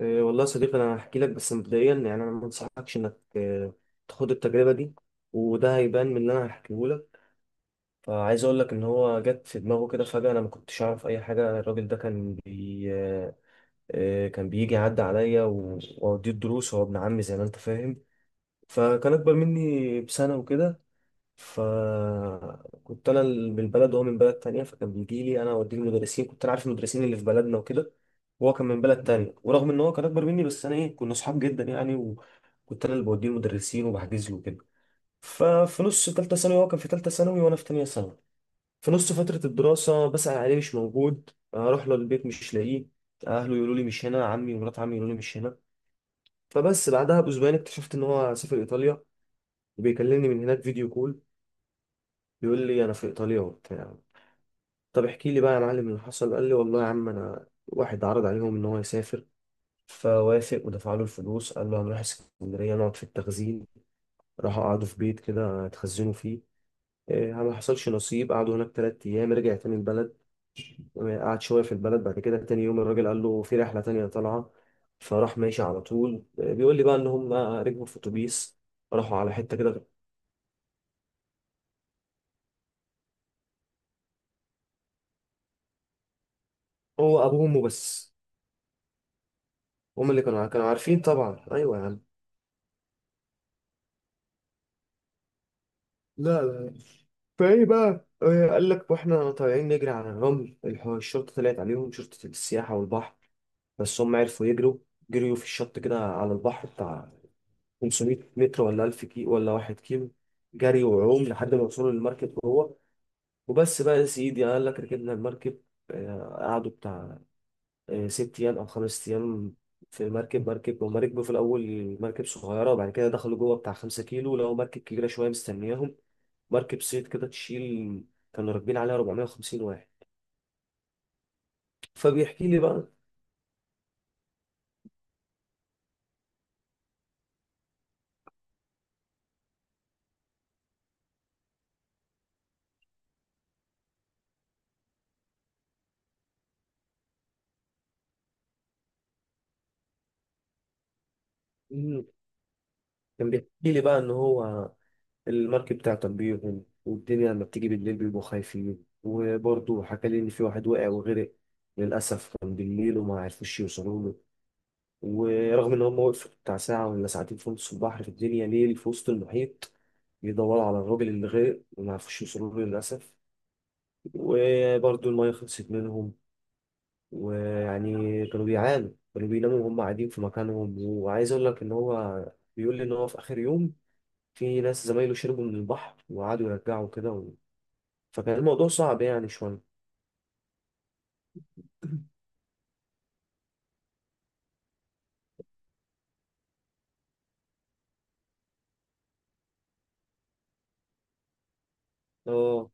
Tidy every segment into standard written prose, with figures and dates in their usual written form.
إيه والله يا صديقي، انا هحكي لك. بس مبدئيا يعني انا ما انصحكش انك تاخد التجربه دي. وده هيبان من اللي انا هحكيه لك. فعايز اقول لك ان هو جت في دماغه كده فجاه. انا ما كنتش اعرف اي حاجه. الراجل ده كان بي إيه، كان بيجي يعدي عليا واوديه الدروس، هو ابن عمي زي ما انت فاهم. فكان اكبر مني بسنه وكده. فكنت انا من البلد وهو من بلد تانية، فكان بيجي لي انا اوديه المدرسين، كنت انا عارف المدرسين اللي في بلدنا وكده. وهو كان من بلد تانية، ورغم ان هو كان اكبر مني بس انا ايه، كنا صحاب جدا يعني، وكنت انا اللي بوديه المدرسين وبحجز له كده. ففي نص تالتة ثانوي هو كان في تالتة ثانوي وانا في تانية ثانوي. في نص فترة الدراسة بسأل عليه مش موجود، اروح له البيت مش لاقيه، اهله يقولوا لي مش هنا، عمي ومرات عمي يقولوا لي مش هنا. فبس بعدها باسبوعين اكتشفت ان هو سافر ايطاليا، وبيكلمني من هناك فيديو كول. بيقول لي انا في ايطاليا وبتاع. طب احكي لي بقى يا معلم اللي حصل. قال لي والله يا عم، انا واحد عرض عليهم ان هو يسافر فوافق ودفع له الفلوس. قال له هنروح اسكندريه نقعد في التخزين. راحوا قعدوا في بيت كده اتخزنوا فيه. إيه، ما حصلش نصيب. قعدوا هناك تلات ايام، رجع تاني البلد. قعد شويه في البلد. بعد كده تاني يوم الراجل قال له في رحله تانية طالعه، فراح ماشي على طول. بيقول لي بقى ان هم ركبوا في اتوبيس راحوا على حته كده. هو ابوهم وبس. هم اللي كانوا عارفين طبعا. ايوه يا عم. لا لا. فايه بقى. قال لك واحنا طالعين نجري على الرمل، الشرطة طلعت عليهم، شرطة السياحة والبحر. بس هم عرفوا يجروا. جريوا في الشط كده على البحر بتاع 500 متر ولا 1000 كيلو ولا 1 كيلو. جري وعوم لحد ما وصلوا للمركب هو. وبس بقى يا سيدي، قال لك ركبنا المركب. قعدوا بتاع ست أيام أو خمس أيام في مركب. هما ركبوا في الأول مركب صغيرة، وبعد كده دخلوا جوه بتاع خمسة كيلو لقوا مركب كبيرة شوية مستنياهم. مركب صيد كده تشيل. كانوا راكبين عليها 450 واحد. فبيحكي لي بقى. مم. كان بيحكي لي بقى ان هو المركب تعطل بيهم. والدنيا لما بتيجي بالليل بيبقوا خايفين. وبرضه حكى لي ان في واحد وقع وغرق للاسف، كان بالليل وما عرفوش يوصلوا له. ورغم ان هم وقفوا بتاع ساعه ولا ساعتين في نص البحر، في الدنيا ليل في وسط المحيط، يدوروا على الراجل اللي غرق وما عرفوش يوصلوا له للاسف. وبرضه الميه خلصت منهم. ويعني كانوا بيعانوا، كانوا بيناموا وهم قاعدين في مكانهم. وعايز اقول لك ان هو بيقول لي ان هو في اخر يوم في ناس زمايله شربوا من البحر وقعدوا يرجعوا كده. فكان الموضوع صعب يعني شويه. اه.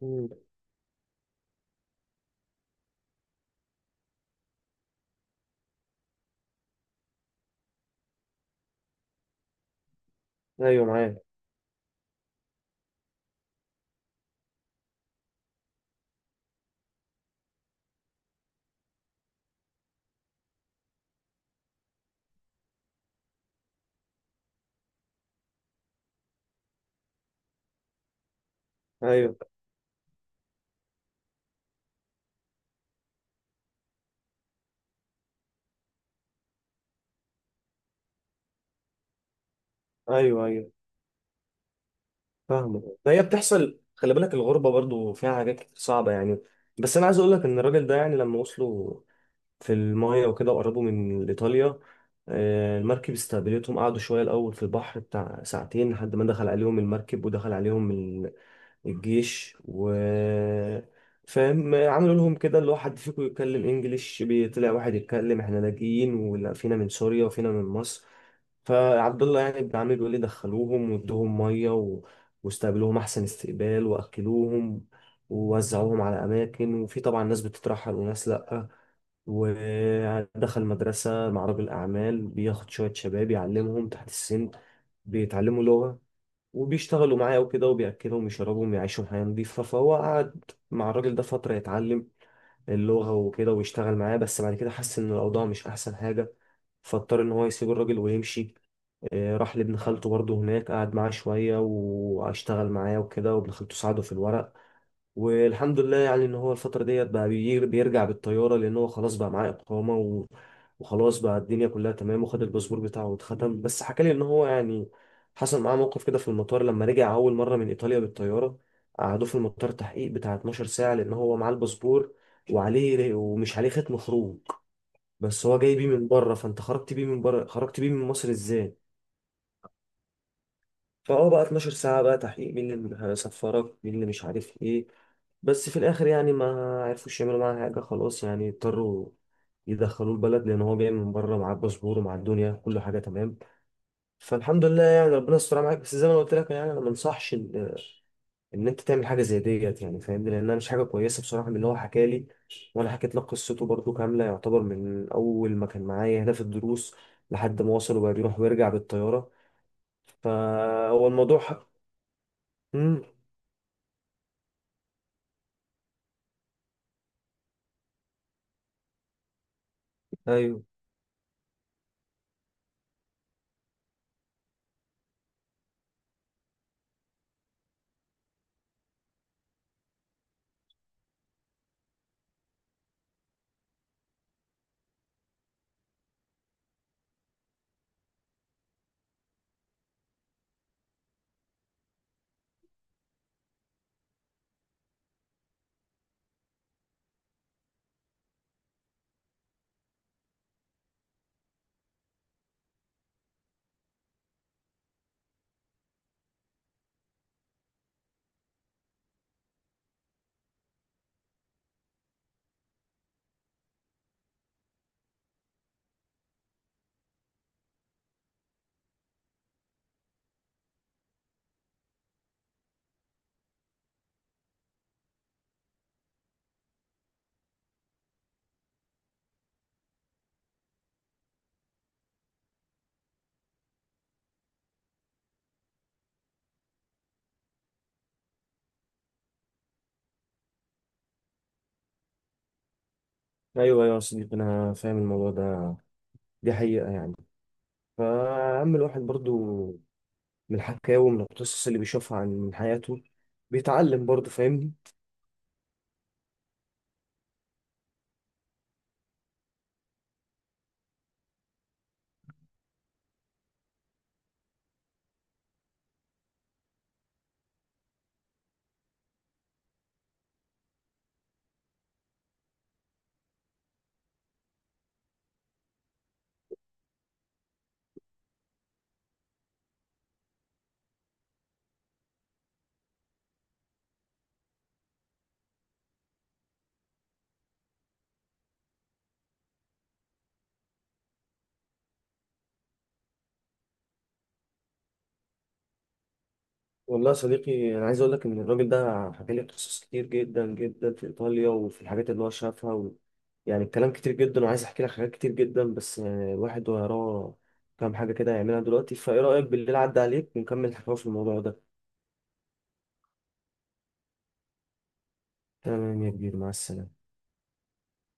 مم. ايوه معايا. ايوه ايوه. ايوه فاهمه، فهي بتحصل. خلي بالك الغربة برضو فيها حاجات كتير صعبة يعني. بس أنا عايز أقول لك إن الراجل ده يعني لما وصلوا في المايه وكده وقربوا من ايطاليا، المركب استقبلتهم. قعدوا شويه الاول في البحر بتاع ساعتين لحد ما دخل عليهم المركب ودخل عليهم الجيش و فاهم، عملوا لهم كده اللي هو حد فيكم يتكلم انجليش. طلع واحد يتكلم، احنا لاجئين، ولا فينا من سوريا وفينا من مصر. فعبد الله يعني ابن عمي بيقول لي دخلوهم وادوهم ميه. واستقبلوهم احسن استقبال واكلوهم ووزعوهم على اماكن. وفي طبعا ناس بتترحل وناس لا. ودخل مدرسة مع راجل أعمال بياخد شوية شباب يعلمهم تحت السن، بيتعلموا لغة وبيشتغلوا معاه وكده، وبيأكلهم يشربهم يعيشوا حياة نظيفة. فهو قعد مع الراجل ده فترة يتعلم اللغة وكده ويشتغل معاه. بس بعد كده حس إن الأوضاع مش أحسن حاجة، فاضطر إن هو يسيب الراجل ويمشي. راح لابن خالته برضه هناك، قعد معاه شوية واشتغل معاه وكده، وابن خالته ساعده في الورق. والحمد لله يعني ان هو الفتره ديت بقى بيرجع بالطياره، هو خلاص بقى معاه اقامه. وخلاص بقى الدنيا كلها تمام وخد الباسبور بتاعه واتختم. بس حكى لي ان هو يعني حصل معاه موقف كده في المطار لما رجع اول مره من ايطاليا بالطياره. قعدوه في المطار تحقيق بتاع 12 ساعه لان هو معاه الباسبور، وعليه ومش عليه ختم خروج. بس هو جاي بيه من بره، فانت خرجت بيه من بره، خرجت بيه من مصر ازاي؟ فهو بقى 12 ساعة بقى تحقيق، مين اللي هيصفرك، مين اللي مش عارف ايه. بس في الآخر يعني ما عرفوش يعملوا معاه حاجة، خلاص يعني اضطروا يدخلوه البلد، لأن هو جاي من بره معاه الباسبور ومعاه الدنيا كل حاجة تمام. فالحمد لله يعني ربنا استر معاك. بس زي ما أنا قلت لك يعني أنا ما انصحش إن أنت تعمل حاجة زي ديت، يعني فاهمني، لأنها مش حاجة كويسة بصراحة من اللي هو حكى لي. وأنا حكيت لك قصته برضو كاملة، يعتبر من أول ما كان معايا هنا في الدروس لحد ما وصل وبقى بيروح ويرجع بالطيارة. فهو الموضوع. مم. ايوه ايوه. ايوه يا صديقي، انا فاهم الموضوع ده، دي حقيقه يعني. فاما الواحد برضو من الحكاوي ومن القصص اللي بيشوفها عن من حياته بيتعلم برضو، فاهمني. والله يا صديقي، انا عايز اقول لك ان الراجل ده حكى لي قصص كتير جدا جدا في ايطاليا وفي الحاجات اللي هو شافها. يعني الكلام كتير جدا، وعايز احكي لك حاجات كتير جدا، بس الواحد وراه كام حاجه كده يعملها دلوقتي. فايه رايك بالليل عدى عليك ونكمل الحكايه في الموضوع ده. تمام يا كبير، مع السلامه.